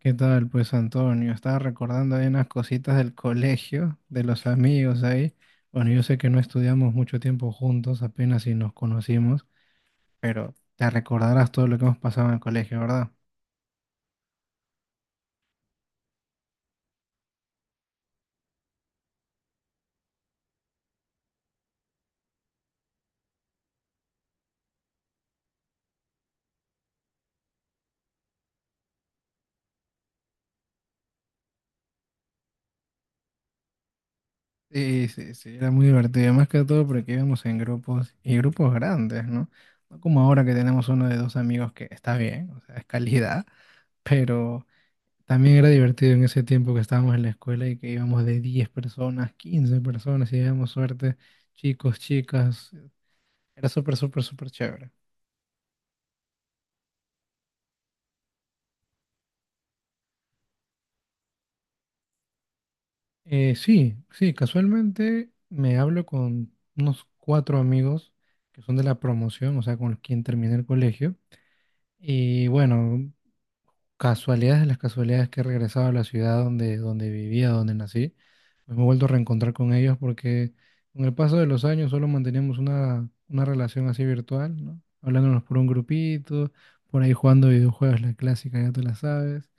¿Qué tal, pues Antonio? Estaba recordando ahí unas cositas del colegio, de los amigos ahí. Bueno, yo sé que no estudiamos mucho tiempo juntos, apenas si nos conocimos, pero te recordarás todo lo que hemos pasado en el colegio, ¿verdad? Sí, sí, sí, era muy divertido, más que todo porque íbamos en grupos y grupos grandes, ¿no? No como ahora que tenemos uno de dos amigos que está bien, o sea, es calidad. Pero también era divertido en ese tiempo que estábamos en la escuela y que íbamos de 10 personas, 15 personas, y íbamos suerte, chicos, chicas. Era súper, súper, súper chévere. Sí, sí, casualmente me hablo con unos cuatro amigos que son de la promoción, o sea, con quien terminé el colegio. Y bueno, casualidades de las casualidades que he regresado a la ciudad donde vivía, donde nací, pues me he vuelto a reencontrar con ellos porque con el paso de los años solo manteníamos una relación así virtual, ¿no? Hablándonos por un grupito, por ahí jugando videojuegos, la clásica, ya te la sabes.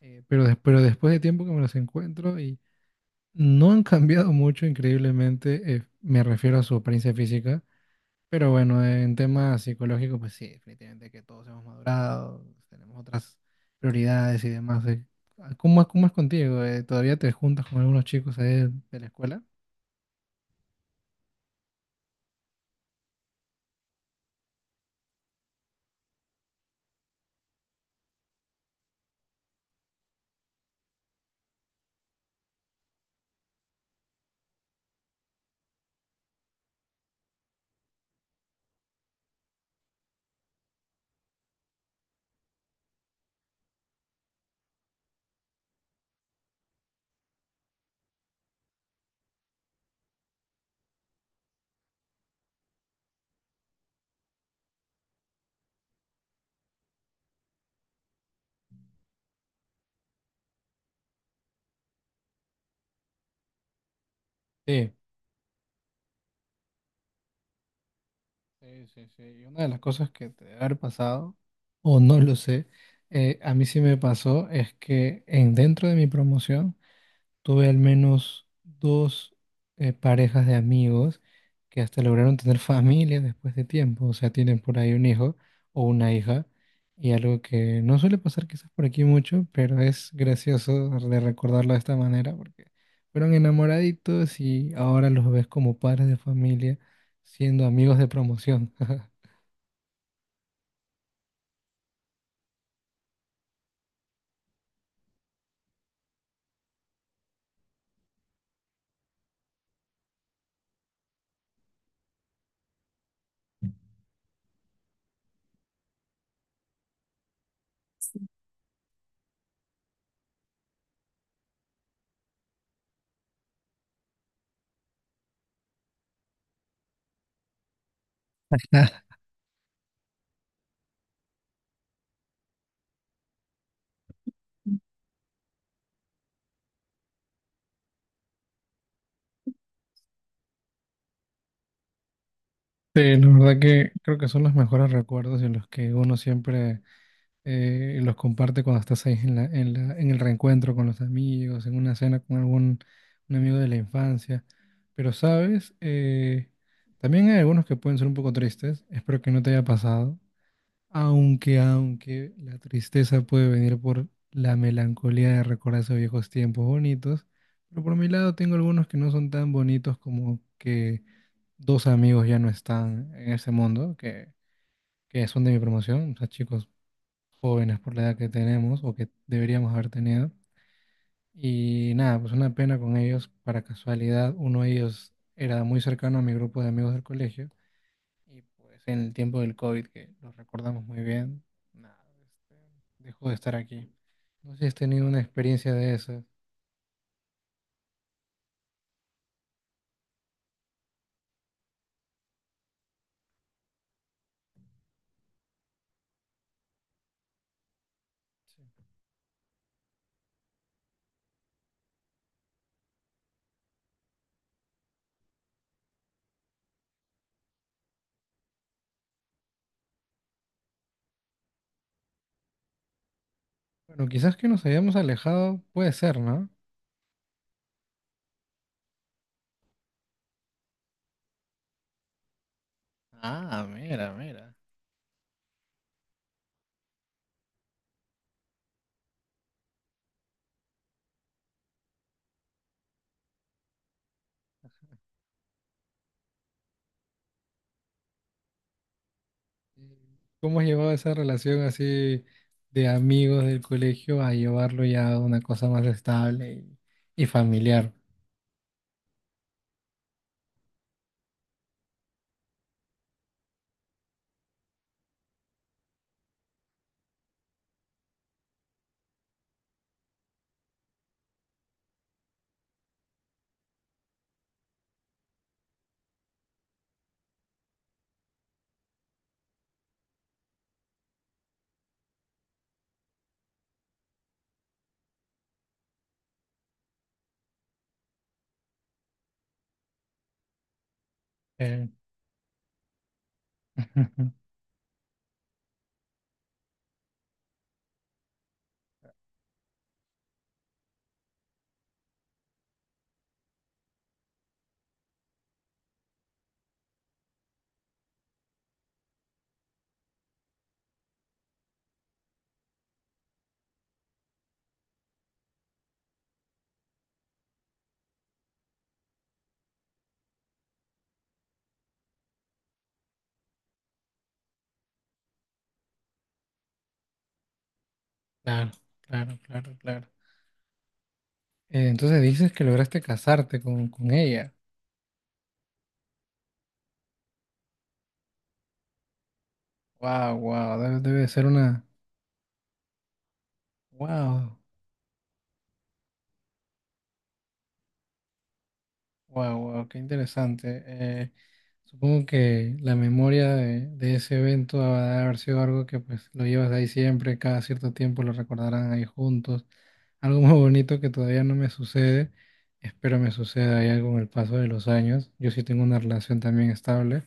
Pero después de tiempo que me los encuentro y no han cambiado mucho, increíblemente. Me refiero a su apariencia física. Pero bueno, en temas psicológicos, pues sí, definitivamente que todos hemos madurado, tenemos otras prioridades y demás, ¿eh? Ah, ¿cómo es contigo, ¿Todavía te juntas con algunos chicos ahí de la escuela? Sí, sí, sí, sí. Y una de las cosas que te debe haber pasado, o no lo sé, a mí sí me pasó, es que dentro de mi promoción, tuve al menos dos, parejas de amigos que hasta lograron tener familia después de tiempo, o sea, tienen por ahí un hijo o una hija, y algo que no suele pasar quizás por aquí mucho, pero es gracioso de recordarlo de esta manera, porque fueron enamoraditos y ahora los ves como padres de familia, siendo amigos de promoción. Sí, la verdad que creo que son los mejores recuerdos en los que uno siempre, y los comparte cuando estás ahí en en el reencuentro con los amigos, en una cena con algún un amigo de la infancia. Pero, ¿sabes? También hay algunos que pueden ser un poco tristes. Espero que no te haya pasado. Aunque la tristeza puede venir por la melancolía de recordar esos viejos tiempos bonitos. Pero por mi lado tengo algunos que no son tan bonitos, como que dos amigos ya no están en ese mundo, que son de mi promoción. O sea, chicos jóvenes por la edad que tenemos o que deberíamos haber tenido. Y nada, pues una pena con ellos. Para casualidad, uno de ellos era muy cercano a mi grupo de amigos del colegio y pues en el tiempo del COVID, que lo recordamos muy bien, nada, este, dejó de estar aquí. No sé si has tenido una experiencia de esas. Bueno, quizás que nos hayamos alejado, puede ser, ¿no? Ah, mira, mira. ¿Cómo has llevado esa relación así, de amigos del colegio, a llevarlo ya a una cosa más estable y, familiar? Eh, Claro, claro, claro, claro. Entonces dices que lograste casarte con ella. Wow, wow, debe ser una... Wow. Wow, wow, qué interesante. Supongo que la memoria de ese evento ha de haber sido algo que pues lo llevas ahí siempre, cada cierto tiempo lo recordarán ahí juntos. Algo muy bonito que todavía no me sucede, espero me suceda ya con el paso de los años. Yo sí tengo una relación también estable,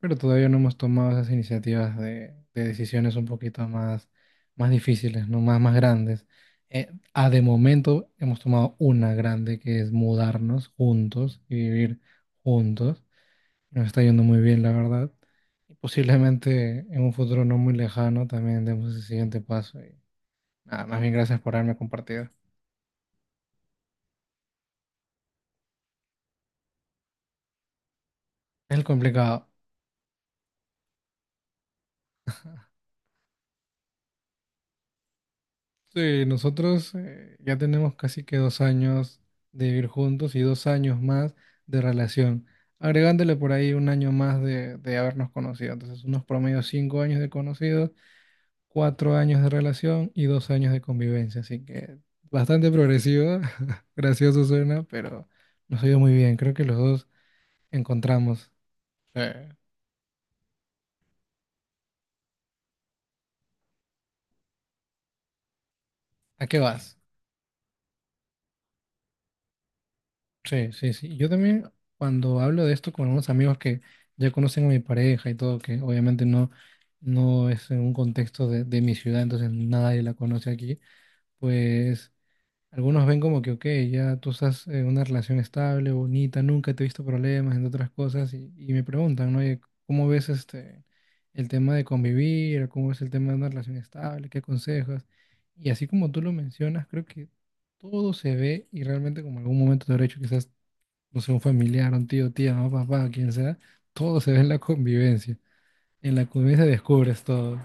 pero todavía no hemos tomado esas iniciativas de decisiones un poquito más, más difíciles, ¿no? Más, más grandes. Eh, Ah, de momento hemos tomado una grande que es mudarnos juntos y vivir juntos. Nos está yendo muy bien, la verdad. Y posiblemente en un futuro no muy lejano también demos ese siguiente paso. Y nada, más bien gracias por haberme compartido. Es complicado. Sí, nosotros, ya tenemos casi que 2 años de vivir juntos y 2 años más de relación, agregándole por ahí un año más de habernos conocido. Entonces, unos promedio 5 años de conocidos, 4 años de relación y 2 años de convivencia, así que bastante progresiva. Gracioso suena, pero nos ha ido muy bien, creo que los dos encontramos. eh, ¿A qué vas? Sí, sí, sí. Yo también, cuando hablo de esto con algunos amigos que ya conocen a mi pareja y todo, que obviamente no, no es en un contexto de mi ciudad, entonces nadie la conoce aquí, pues algunos ven como que, ok, ya tú estás en una relación estable, bonita, nunca te he visto problemas, entre otras cosas, y me preguntan, ¿no? Oye, ¿cómo ves el tema de convivir? ¿Cómo ves el tema de una relación estable? ¿Qué aconsejas? Y así como tú lo mencionas, creo que todo se ve y realmente como en algún momento te habrá hecho quizás, no sé, un familiar, un tío, tía, mamá, papá, quien sea, todo se ve en la convivencia. En la convivencia descubres todo.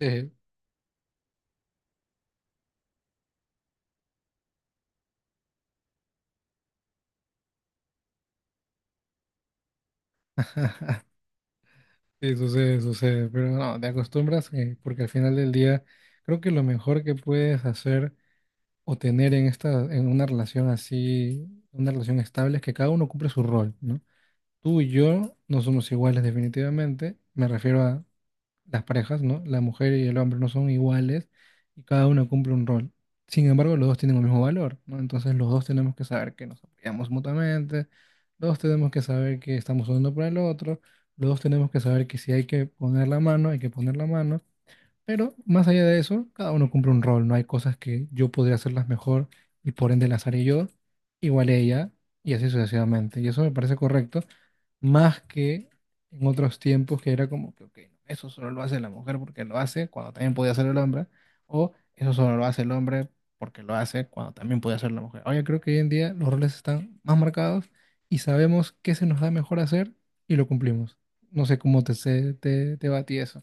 Sí. Sí, sucede, sucede, pero no, te acostumbras, porque al final del día creo que lo mejor que puedes hacer o tener en esta, en una relación así, una relación estable, es que cada uno cumple su rol, ¿no? Tú y yo no somos iguales definitivamente, me refiero a las parejas, ¿no? La mujer y el hombre no son iguales y cada uno cumple un rol. Sin embargo, los dos tienen el mismo valor, ¿no? Entonces los dos tenemos que saber que nos apoyamos mutuamente, los dos tenemos que saber que estamos uno para el otro, los dos tenemos que saber que si hay que poner la mano, hay que poner la mano, pero más allá de eso, cada uno cumple un rol, ¿no? Hay cosas que yo podría hacerlas mejor y por ende las haré yo, igual ella, y así sucesivamente. Y eso me parece correcto, más que en otros tiempos que era como que, ok, eso solo lo hace la mujer porque lo hace cuando también podía hacer el hombre, o eso solo lo hace el hombre porque lo hace cuando también podía hacer la mujer. Ahora yo creo que hoy en día los roles están más marcados y sabemos qué se nos da mejor hacer y lo cumplimos. No sé cómo te va a ti eso.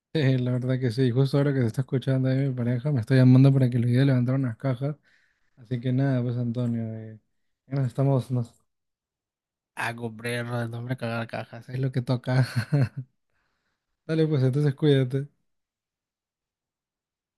Sí, la verdad que sí. Justo ahora que se está escuchando ahí mi pareja, me está llamando para que le ayude a levantar unas cajas. Así que nada, pues Antonio, ya nos estamos nos... A comprar, no hombre, cagar cajas, es lo que toca. Dale, pues entonces cuídate.